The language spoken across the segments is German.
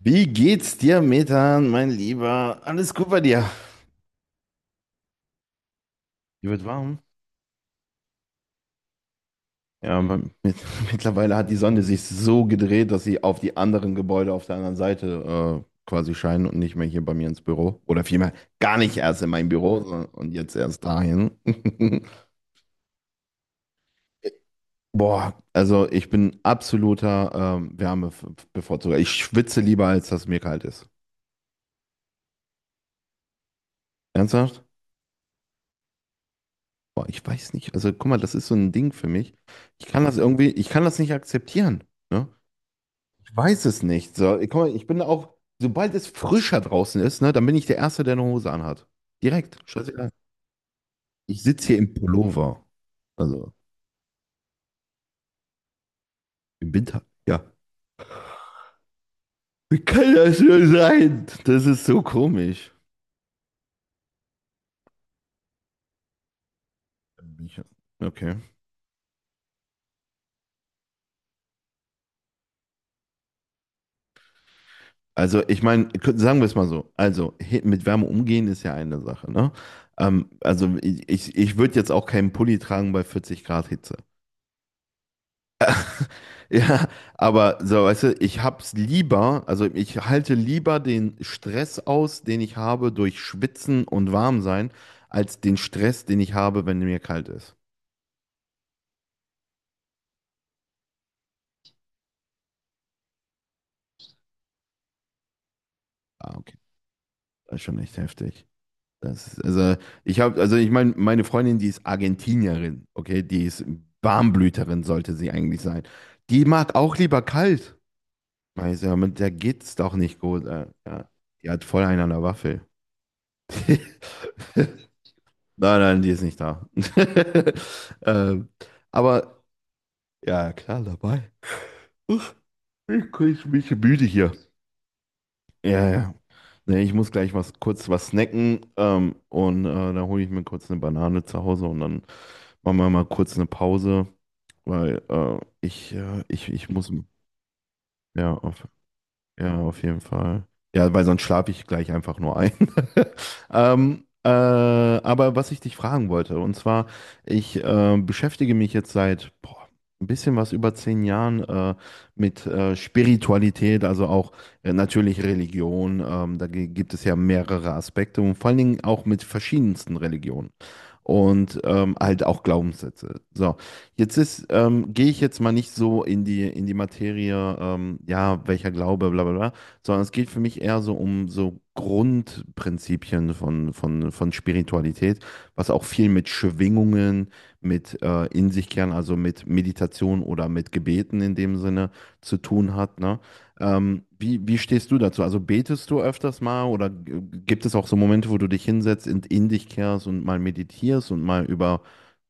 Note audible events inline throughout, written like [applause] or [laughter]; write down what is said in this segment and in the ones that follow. Wie geht's dir, Methan, mein Lieber? Alles gut bei dir? Hier wird warm. Ja, aber [laughs] mittlerweile hat die Sonne sich so gedreht, dass sie auf die anderen Gebäude auf der anderen Seite quasi scheinen und nicht mehr hier bei mir ins Büro. Oder vielmehr gar nicht erst in mein Büro und jetzt erst dahin. [laughs] Boah, also ich bin absoluter Wärmebevorzuger. Ich schwitze lieber, als dass mir kalt ist. Ernsthaft? Boah, ich weiß nicht. Also guck mal, das ist so ein Ding für mich. Ich kann das irgendwie, ich kann das nicht akzeptieren. Ne? Weiß es nicht. So, guck mal, sobald es frischer draußen ist, ne, dann bin ich der Erste, der eine Hose anhat. Direkt. Scheißegal. Ich sitze hier im Pullover. Also im Winter. Ja. Wie kann das nur sein? Das ist so komisch. Okay. Also, ich meine, sagen wir es mal so. Also, mit Wärme umgehen ist ja eine Sache, ne? Also, ich würde jetzt auch keinen Pulli tragen bei 40 Grad Hitze. Ja, aber so, weißt du, ich hab's lieber, also ich halte lieber den Stress aus, den ich habe durch Schwitzen und Warmsein, als den Stress, den ich habe, wenn mir kalt ist. Ah, okay. Das ist schon echt heftig. Das ist, also ich habe, also ich meine, Freundin, die ist Argentinierin, okay, die ist Warmblüterin, sollte sie eigentlich sein. Die mag auch lieber kalt. Weißt du, mit der geht's doch nicht gut. Ja. Die hat voll einen an der Waffel. [laughs] Nein, nein, die ist nicht da. [laughs] ähm, aber ja, klar, dabei. Uff, ich krieg mich müde hier. Ja, ja. Nee, ich muss gleich was kurz was snacken und dann hole ich mir kurz eine Banane zu Hause und dann machen wir mal kurz eine Pause, weil ich muss, ja, auf Ja, auf jeden Fall. Ja, weil sonst schlafe ich gleich einfach nur ein. [laughs] Aber was ich dich fragen wollte, und zwar, ich beschäftige mich jetzt seit boah, ein bisschen was über 10 Jahren mit Spiritualität, also auch natürlich Religion. Da gibt es ja mehrere Aspekte und vor allen Dingen auch mit verschiedensten Religionen und halt auch Glaubenssätze. So, gehe ich jetzt mal nicht so in die Materie, ja, welcher Glaube, bla bla bla, sondern es geht für mich eher so um so Grundprinzipien von Spiritualität, was auch viel mit Schwingungen, mit in sich kehren, also mit Meditation oder mit Gebeten in dem Sinne zu tun hat, ne? Wie stehst du dazu? Also betest du öfters mal oder gibt es auch so Momente, wo du dich hinsetzt und in dich kehrst und mal meditierst und mal über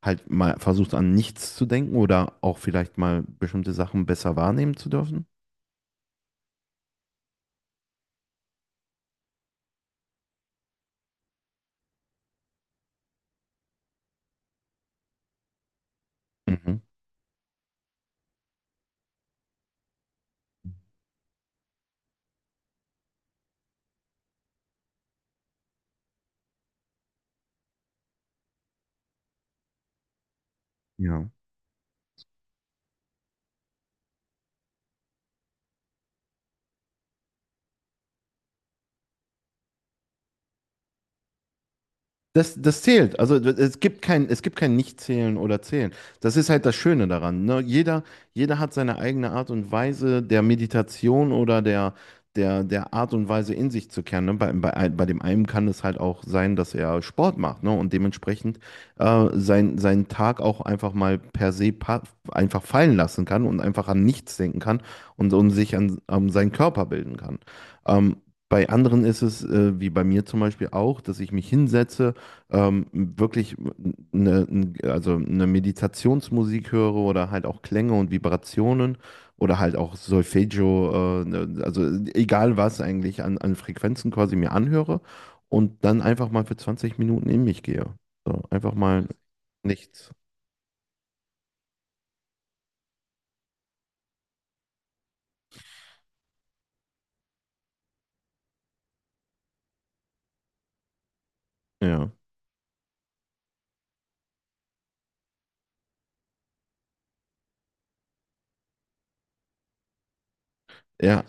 halt mal versucht, an nichts zu denken oder auch vielleicht mal bestimmte Sachen besser wahrnehmen zu dürfen. Mhm. Ja. Das zählt. Also es gibt kein Nicht-Zählen oder Zählen. Das ist halt das Schöne daran. Ne? Jeder hat seine eigene Art und Weise der Meditation oder der Art und Weise in sich zu kehren. Ne? Bei dem einen kann es halt auch sein, dass er Sport macht, ne? Und dementsprechend seinen Tag auch einfach mal per se pa einfach fallen lassen kann und einfach an nichts denken kann und sich an seinen Körper bilden kann. Ähm, Bei anderen ist es, wie bei mir zum Beispiel auch, dass ich mich hinsetze, wirklich eine, also eine Meditationsmusik höre oder halt auch Klänge und Vibrationen oder halt auch Solfeggio, ne, also egal was eigentlich an Frequenzen quasi mir anhöre und dann einfach mal für 20 Minuten in mich gehe. So, einfach mal nichts. Ja. Ja,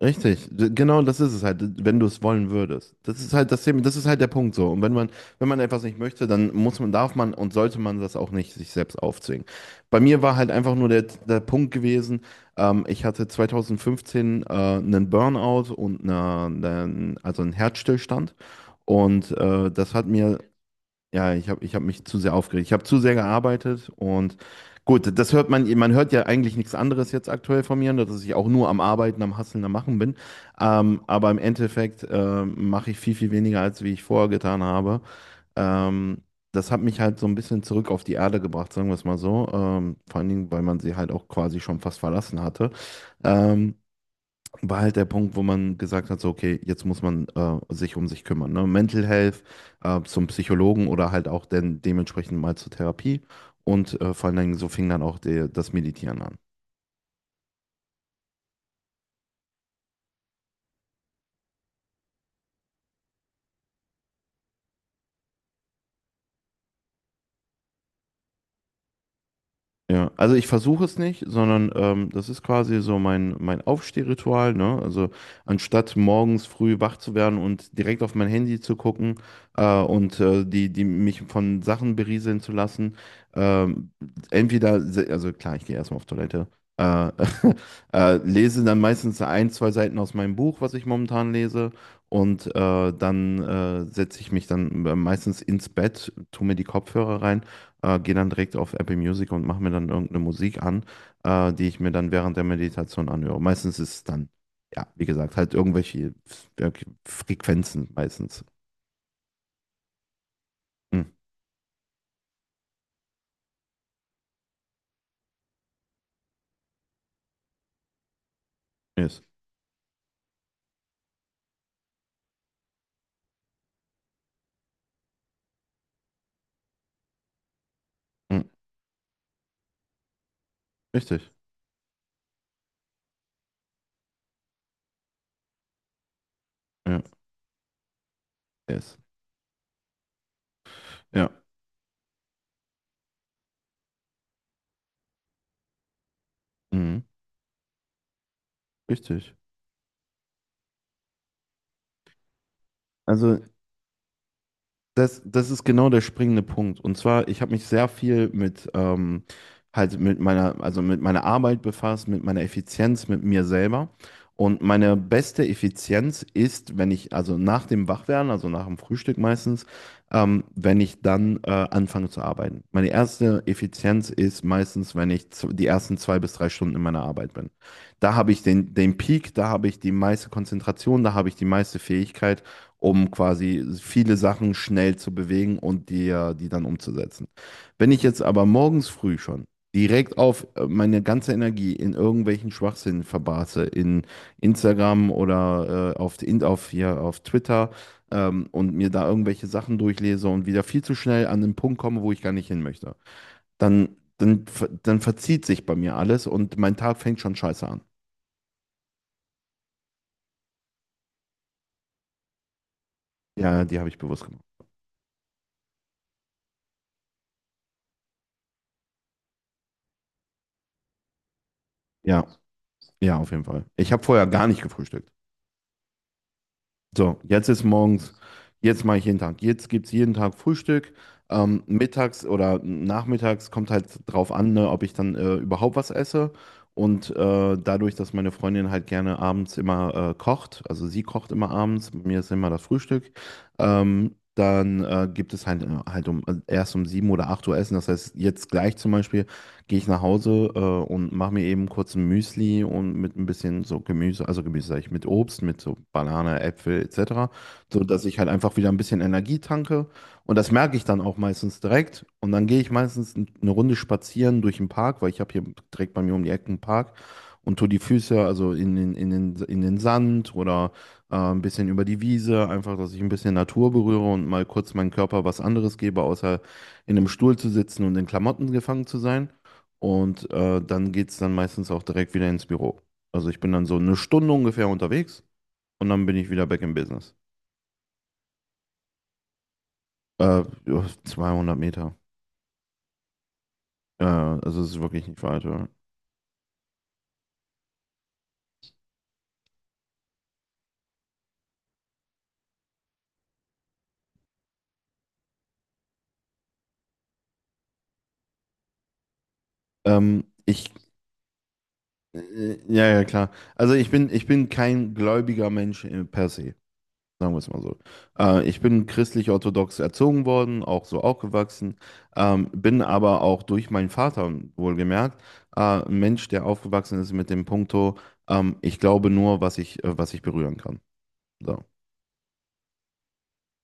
richtig, genau das ist es halt, wenn du es wollen würdest. Das ist halt das Thema, das ist halt der Punkt so. Und wenn man etwas nicht möchte, dann muss man, darf man und sollte man das auch nicht sich selbst aufzwingen. Bei mir war halt einfach nur der Punkt gewesen, ich hatte 2015 einen Burnout und also einen Herzstillstand. Und das hat mir ja, ich hab mich zu sehr aufgeregt. Ich habe zu sehr gearbeitet und gut, das hört man hört ja eigentlich nichts anderes jetzt aktuell von mir, dass ich auch nur am Arbeiten, am Hasseln, am Machen bin. Aber im Endeffekt mache ich viel, viel weniger, als wie ich vorher getan habe. Ähm, das hat mich halt so ein bisschen zurück auf die Erde gebracht, sagen wir es mal so. Vor allen Dingen, weil man sie halt auch quasi schon fast verlassen hatte. Ähm, war halt der Punkt, wo man gesagt hat, so, okay, jetzt muss man sich um sich kümmern. Ne? Mental Health, zum Psychologen oder halt auch dann dementsprechend mal zur Therapie. Und vor allen Dingen so fing dann auch das Meditieren an. Ja, also ich versuche es nicht, sondern das ist quasi so mein Aufstehritual, ne? Also anstatt morgens früh wach zu werden und direkt auf mein Handy zu gucken, und die mich von Sachen berieseln zu lassen, ähm, also klar, ich gehe erstmal auf Toilette, äh, [laughs] lese dann meistens ein, zwei Seiten aus meinem Buch, was ich momentan lese. Und dann setze ich mich dann meistens ins Bett, tue mir die Kopfhörer rein, gehe dann direkt auf Apple Music und mache mir dann irgendeine Musik an, die ich mir dann während der Meditation anhöre. Meistens ist es dann, ja, wie gesagt, halt irgendwelche Frequenzen meistens. Hm, yes. Hm, richtig. Ja, yes. Ja. Mhm. Richtig. Also das ist genau der springende Punkt. Und zwar, ich habe mich sehr viel mit halt also mit meiner Arbeit befasst, mit meiner Effizienz, mit mir selber. Und meine beste Effizienz ist, wenn ich, also nach dem Wachwerden, also nach dem Frühstück meistens, wenn ich dann anfange zu arbeiten. Meine erste Effizienz ist meistens, wenn ich die ersten 2 bis 3 Stunden in meiner Arbeit bin. Da habe ich den Peak, da habe ich die meiste Konzentration, da habe ich die meiste Fähigkeit um quasi viele Sachen schnell zu bewegen und dir die dann umzusetzen. Wenn ich jetzt aber morgens früh schon direkt auf meine ganze Energie in irgendwelchen Schwachsinn verbarse, in Instagram oder auf, in, auf, hier, auf Twitter, und mir da irgendwelche Sachen durchlese und wieder viel zu schnell an den Punkt komme, wo ich gar nicht hin möchte, dann verzieht sich bei mir alles und mein Tag fängt schon scheiße an. Ja, die habe ich bewusst gemacht. Ja, ja, auf jeden Fall. Ich habe vorher gar nicht gefrühstückt. So, jetzt mache ich jeden Tag. Jetzt gibt es jeden Tag Frühstück. Mittags oder nachmittags kommt halt drauf an, ne, ob ich dann überhaupt was esse. Und dadurch, dass meine Freundin halt gerne abends immer kocht, also sie kocht immer abends, bei mir ist immer das Frühstück, dann gibt es halt, also erst um 7 oder 8 Uhr Essen. Das heißt, jetzt gleich zum Beispiel gehe ich nach Hause, und mache mir eben kurz ein Müsli und mit ein bisschen so Gemüse, also Gemüse sag ich, mit Obst, mit so Banane, Äpfel etc., so dass ich halt einfach wieder ein bisschen Energie tanke und das merke ich dann auch meistens direkt und dann gehe ich meistens eine Runde spazieren durch den Park, weil ich habe hier direkt bei mir um die Ecke einen Park und tue die Füße also in den, in den Sand oder ein bisschen über die Wiese, einfach, dass ich ein bisschen Natur berühre und mal kurz meinem Körper was anderes gebe, außer in einem Stuhl zu sitzen und in Klamotten gefangen zu sein. Und dann geht es dann meistens auch direkt wieder ins Büro. Also ich bin dann so eine Stunde ungefähr unterwegs und dann bin ich wieder back in Business. Ja, 200 Meter. Also es ist wirklich nicht weit. Ja. Ähm, ich, ja, ja, klar. Also ich bin, kein gläubiger Mensch per se. Sagen wir es mal so. Ich bin christlich-orthodox erzogen worden, auch so aufgewachsen, bin aber auch durch meinen Vater, wohlgemerkt, ein Mensch, der aufgewachsen ist mit dem Punkto, ich glaube nur, was ich berühren kann. So.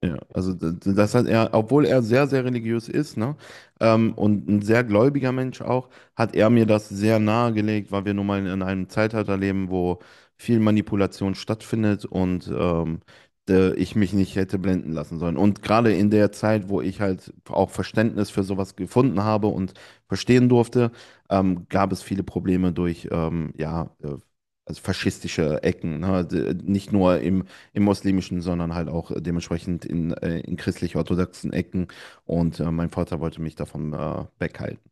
Ja, also das hat er, obwohl er sehr, sehr religiös ist, ne, und ein sehr gläubiger Mensch auch, hat er mir das sehr nahegelegt, weil wir nun mal in einem Zeitalter leben, wo viel Manipulation stattfindet und ich mich nicht hätte blenden lassen sollen. Und gerade in der Zeit, wo ich halt auch Verständnis für sowas gefunden habe und verstehen durfte, gab es viele Probleme durch, ja, also faschistische Ecken, ne, nicht nur im muslimischen, sondern halt auch dementsprechend in christlich-orthodoxen Ecken. Und mein Vater wollte mich davon weghalten.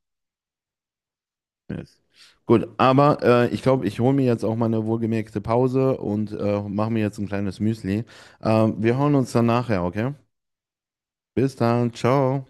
Yes. Gut, aber ich glaube, ich hole mir jetzt auch mal eine wohlgemerkte Pause und mache mir jetzt ein kleines Müsli. Wir hören uns dann nachher, okay? Bis dann, ciao.